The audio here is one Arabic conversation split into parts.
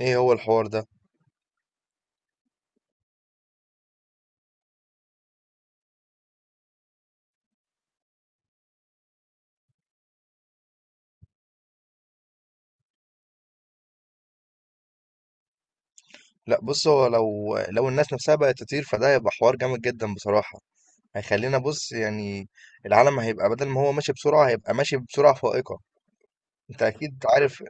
ايه هو الحوار ده؟ لا، بص، هو لو الناس نفسها بقت تطير فده هيبقى حوار جامد جدا بصراحة. هيخلينا، بص، يعني العالم هيبقى بدل ما هو ماشي بسرعة هيبقى ماشي بسرعة فائقة. انت اكيد عارف،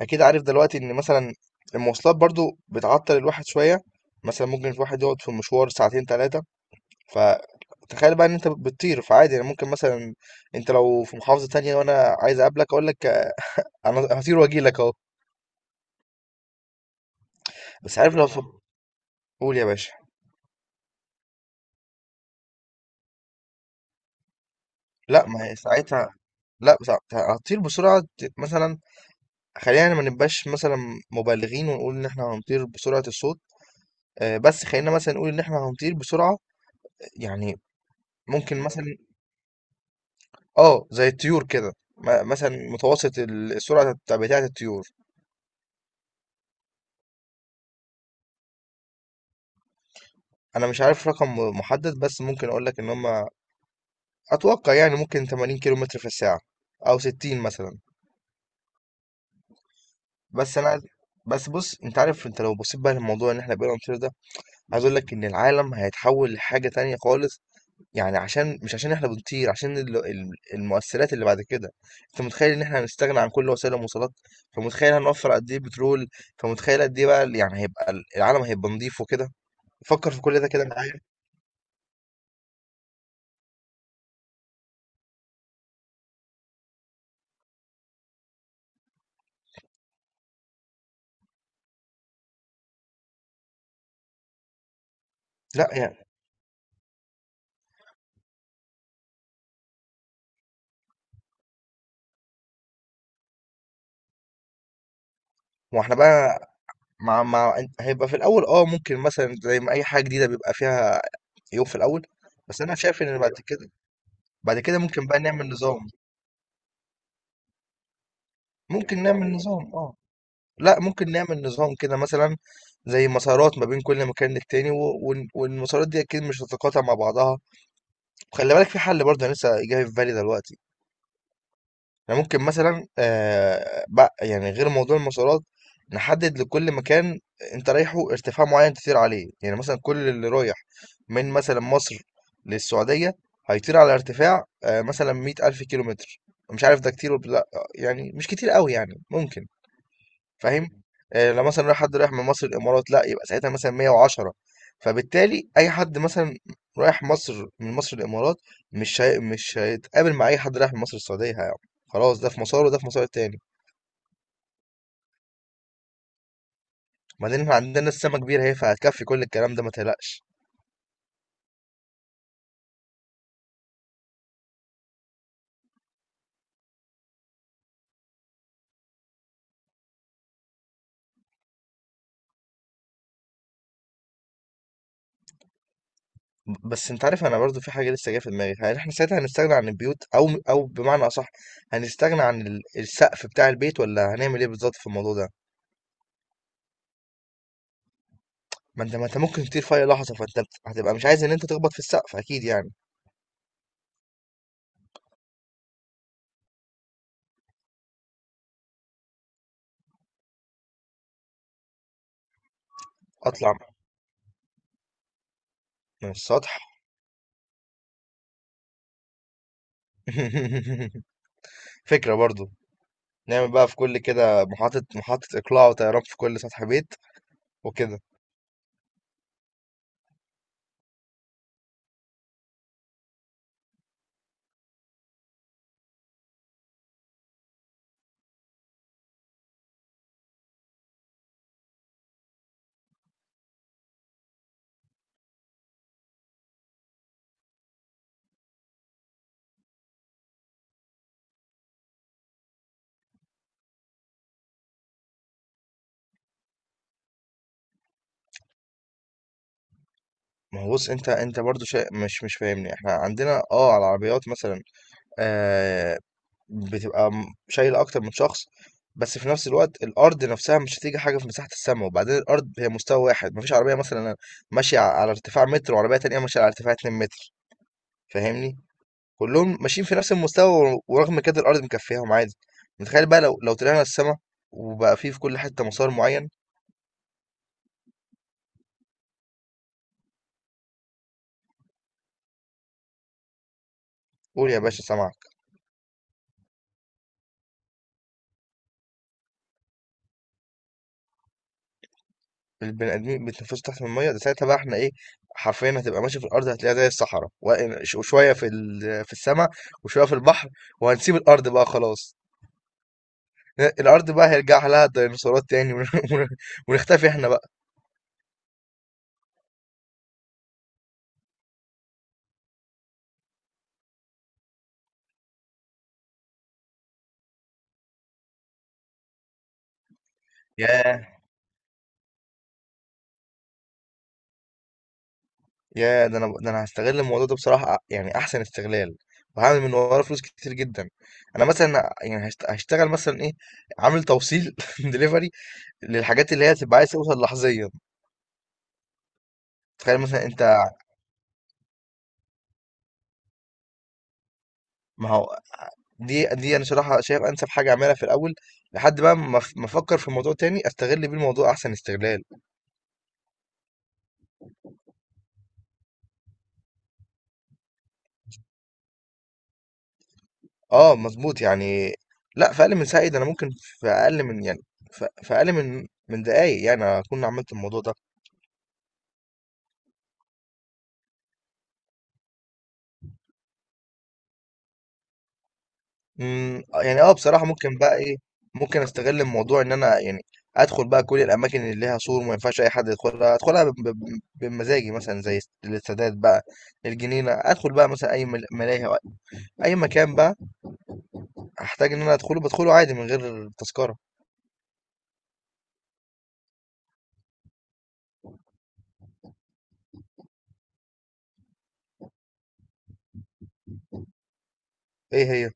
دلوقتي ان مثلا المواصلات برضو بتعطل الواحد شوية. مثلا ممكن الواحد يقعد في مشوار ساعتين ثلاثة. فتخيل بقى ان انت بتطير، فعادي يعني، ممكن مثلا انت لو في محافظة تانية وانا عايز اقابلك اقول لك انا هطير واجي لك اهو. بس عارف لو في. قول يا باشا. لأ، ما هي ساعتها، لأ هتطير بسرعة مثلًا. خلّينا ما نبقاش مثلًا مبالغين ونقول إن إحنا هنطير بسرعة الصوت، بس خلّينا مثلًا نقول إن إحنا هنطير بسرعة، يعني ممكن مثلًا، آه، زي الطيور كده مثلًا متوسط السرعة بتاعة الطيور. أنا مش عارف رقم محدد، بس ممكن أقول لك إن هم، أتوقع يعني ممكن 80 كيلومتر في الساعة أو 60 مثلًا. بس أنا عايز بس بُص، أنت عارف، أنت لو بصيت بقى للموضوع إن إحنا بقينا نطير ده، عايز اقول لك ان العالم هيتحول لحاجه تانية خالص. يعني عشان، مش عشان احنا بنطير، عشان المؤثرات اللي بعد كده. انت متخيل ان احنا هنستغنى عن كل وسائل المواصلات؟ فمتخيل هنوفر قد ايه بترول؟ فمتخيل قد ايه بقى، يعني هيبقى العالم هيبقى نظيف وكده. فكر في كل ده كده معايا. لا يعني، واحنا بقى مع مع هيبقى في الاول، ممكن مثلا زي ما اي حاجه جديده بيبقى فيها عيوب في الاول. بس انا شايف ان بعد كده ممكن بقى نعمل نظام. ممكن نعمل نظام، اه، لأ، ممكن نعمل نظام كده مثلًا زي مسارات ما بين كل مكان للتاني، و وال والمسارات دي أكيد مش هتتقاطع مع بعضها. وخلّي بالك، في حل برضه أنا لسه جاي في بالي دلوقتي، إحنا ممكن مثلًا، بق يعني غير موضوع المسارات، نحدد لكل مكان أنت رايحه ارتفاع معيّن تطير عليه. يعني مثلًا كل اللي رايح من مثلًا مصر للسعودية هيطير على ارتفاع، مثلًا 100.000 كيلومتر. مش عارف ده كتير والّا لأ، يعني مش كتير أوي، يعني ممكن. فاهم؟ آه، لو مثلا رايح، حد رايح من مصر الامارات لا يبقى ساعتها مثلا 110. فبالتالي اي حد مثلا رايح من مصر الامارات مش هيتقابل مع اي حد رايح من مصر السعوديه يعني. خلاص، ده في مسار وده في مسار تاني. بعدين احنا عندنا السما كبيره اهي، فهتكفي كل الكلام ده، ما تقلقش. بس انت عارف، انا برضو في حاجه لسه جايه في دماغي. هل احنا ساعتها هنستغنى عن البيوت، او بمعنى اصح هنستغنى عن السقف بتاع البيت، ولا هنعمل ايه بالظبط في الموضوع ده؟ ما انت ممكن تطير في اي لحظه، فانت هتبقى مش عايز ان انت تخبط في السقف اكيد يعني. اطلع من السطح. فكرة برضو. نعمل بقى في كل كده محطة اقلاع وطيران في كل سطح بيت وكده. ما هو بص، انت برضو شيء مش فاهمني. احنا عندنا، على العربيات مثلا، آه بتبقى شايلة اكتر من شخص. بس في نفس الوقت الارض نفسها مش هتيجي حاجة في مساحة السماء. وبعدين الارض هي مستوى واحد، مفيش عربية مثلا ماشية على ارتفاع متر وعربية تانية ماشية على ارتفاع 2 متر، فاهمني؟ كلهم ماشيين في نفس المستوى، ورغم كده الارض مكفياهم عادي. متخيل بقى لو طلعنا السما وبقى فيه في كل حته مسار معين. قول يا باشا، سامعك. البني ادمين بيتنفسوا تحت الميه؟ ده ساعتها بقى احنا ايه؟ حرفيا هتبقى ماشي في الارض هتلاقيها زي الصحراء، وشويه في في السماء، وشويه في البحر. وهنسيب الارض بقى خلاص. الارض بقى هيرجع لها الديناصورات تاني. ونختفي احنا بقى. ياه، يا ده انا ده انا هستغل الموضوع ده بصراحه يعني احسن استغلال، وهعمل من وراه فلوس كتير جدا. انا مثلا يعني هشتغل مثلا ايه؟ عامل توصيل دليفري، للحاجات اللي هي تبقى عايز توصل لحظيا. تخيل مثلا، انت، ما هو دي انا صراحه شايف انسب حاجه اعملها في الاول، لحد بقى ما افكر في الموضوع تاني استغل بيه الموضوع احسن استغلال. اه، مظبوط يعني. لا، في اقل من ساعه؟ إيه ده، انا ممكن في اقل من، يعني في اقل من دقايق يعني اكون عملت الموضوع ده. يعني، بصراحة ممكن بقى ايه، ممكن استغل الموضوع ان انا يعني ادخل بقى كل الاماكن اللي ليها سور ما ينفعش اي حد يدخلها، ادخلها بمزاجي، مثلا زي السادات بقى الجنينة، ادخل بقى مثلا اي ملاهي أو اي مكان بقى هحتاج ان انا ادخله، بدخله عادي من غير تذكرة. ايه هي؟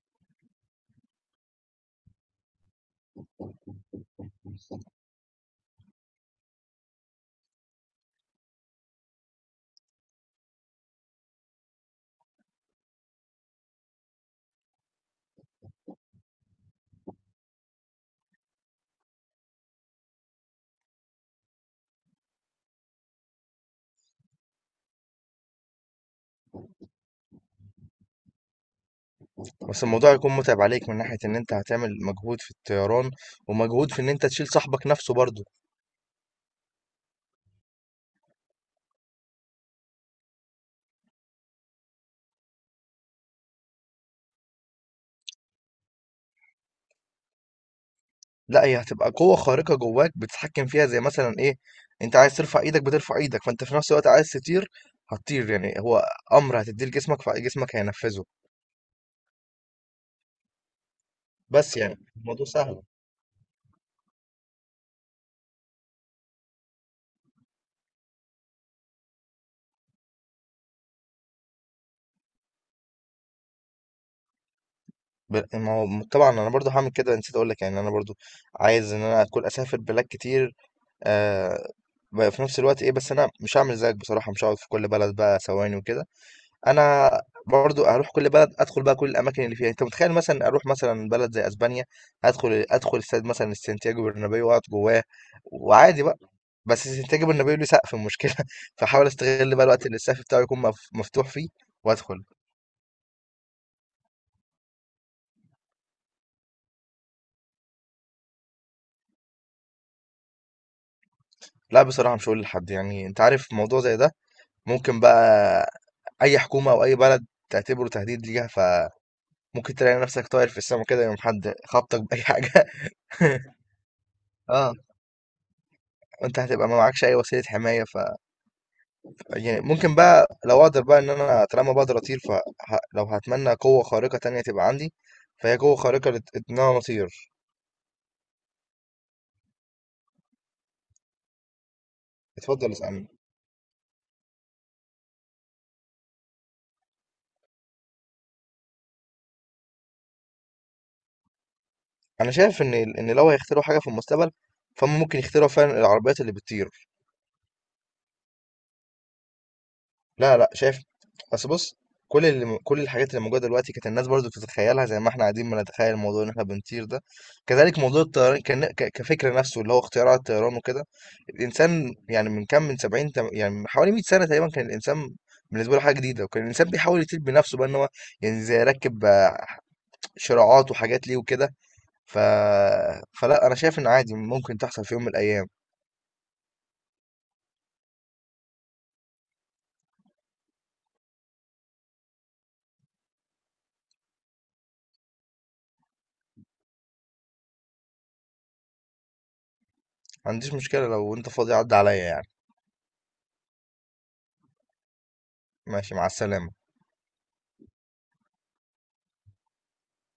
بس الموضوع هيكون متعب عليك من ناحية ان انت هتعمل مجهود في الطيران ومجهود في ان انت تشيل صاحبك نفسه برضه. لا، هي هتبقى قوة خارقة جواك بتتحكم فيها زي مثلا ايه، انت عايز ترفع ايدك بترفع ايدك، فانت في نفس الوقت عايز تطير هتطير. يعني هو امر هتديه لجسمك فجسمك هينفذه. بس يعني الموضوع سهل. ما هو طبعا انا برضو هعمل كده، نسيت اقول لك يعني، انا برضو عايز ان انا اكون اسافر بلاد كتير. آه، بقى في نفس الوقت ايه، بس انا مش هعمل زيك بصراحة، مش هقعد في كل بلد بقى ثواني وكده. انا برضو هروح كل بلد ادخل بقى كل الاماكن اللي فيها. انت متخيل مثلا اروح مثلا بلد زي اسبانيا، ادخل استاد مثلا السانتياغو برنابيو واقعد جواه وعادي بقى. بس سانتياغو برنابيو ليه سقف المشكله. فحاول استغل بقى الوقت اللي السقف بتاعه يكون مفتوح فيه وادخل. لا بصراحه مش هقول لحد. يعني انت عارف موضوع زي ده، ممكن بقى اي حكومه او اي بلد تعتبره تهديد ليها، فممكن تلاقي نفسك طاير في السماء كده يوم، حد خبطك باي حاجه. اه. وانت هتبقى ما معكش اي وسيله حمايه. يعني ممكن بقى لو اقدر بقى، ان انا طالما بقدر اطير، فلو هتمنى قوة خارقة تانية تبقى عندي فهي قوة خارقة ان انا اطير. اتفضل اسألني. انا شايف ان لو هيخترعوا حاجة في المستقبل، فهم ممكن يخترعوا فعلا العربيات اللي بتطير. لا، لأ شايف. بس بُص، كل الحاجات اللي موجودة دلوقتي كانت الناس برضه بتتخيّلها زي ما إحنا قاعدين بنتخيّل موضوع إن إحنا بنطير ده. كذلك موضوع الطيران، كن ك كفكر نَفْسه اللي هو اختراع الطيران وكده، الإنسان يعني من كام، من 70، يعني من حوالي 100 سَنة تقريبًا كان الإنسان بالنسبة له حاجة جديدة. وكان الإنسان بيحاول يطير بنَفْسه بقى إن هو يعني زي يركّب، آه، شراعات وحاجات ليه وكده. ف فلأ أنا شايف إن عادي ممكن تحصل في يوم من الأيام. ما عنديش مشكلة لو أنت فاضي عدّي عليّا يعني. ماشي، مع السلامة.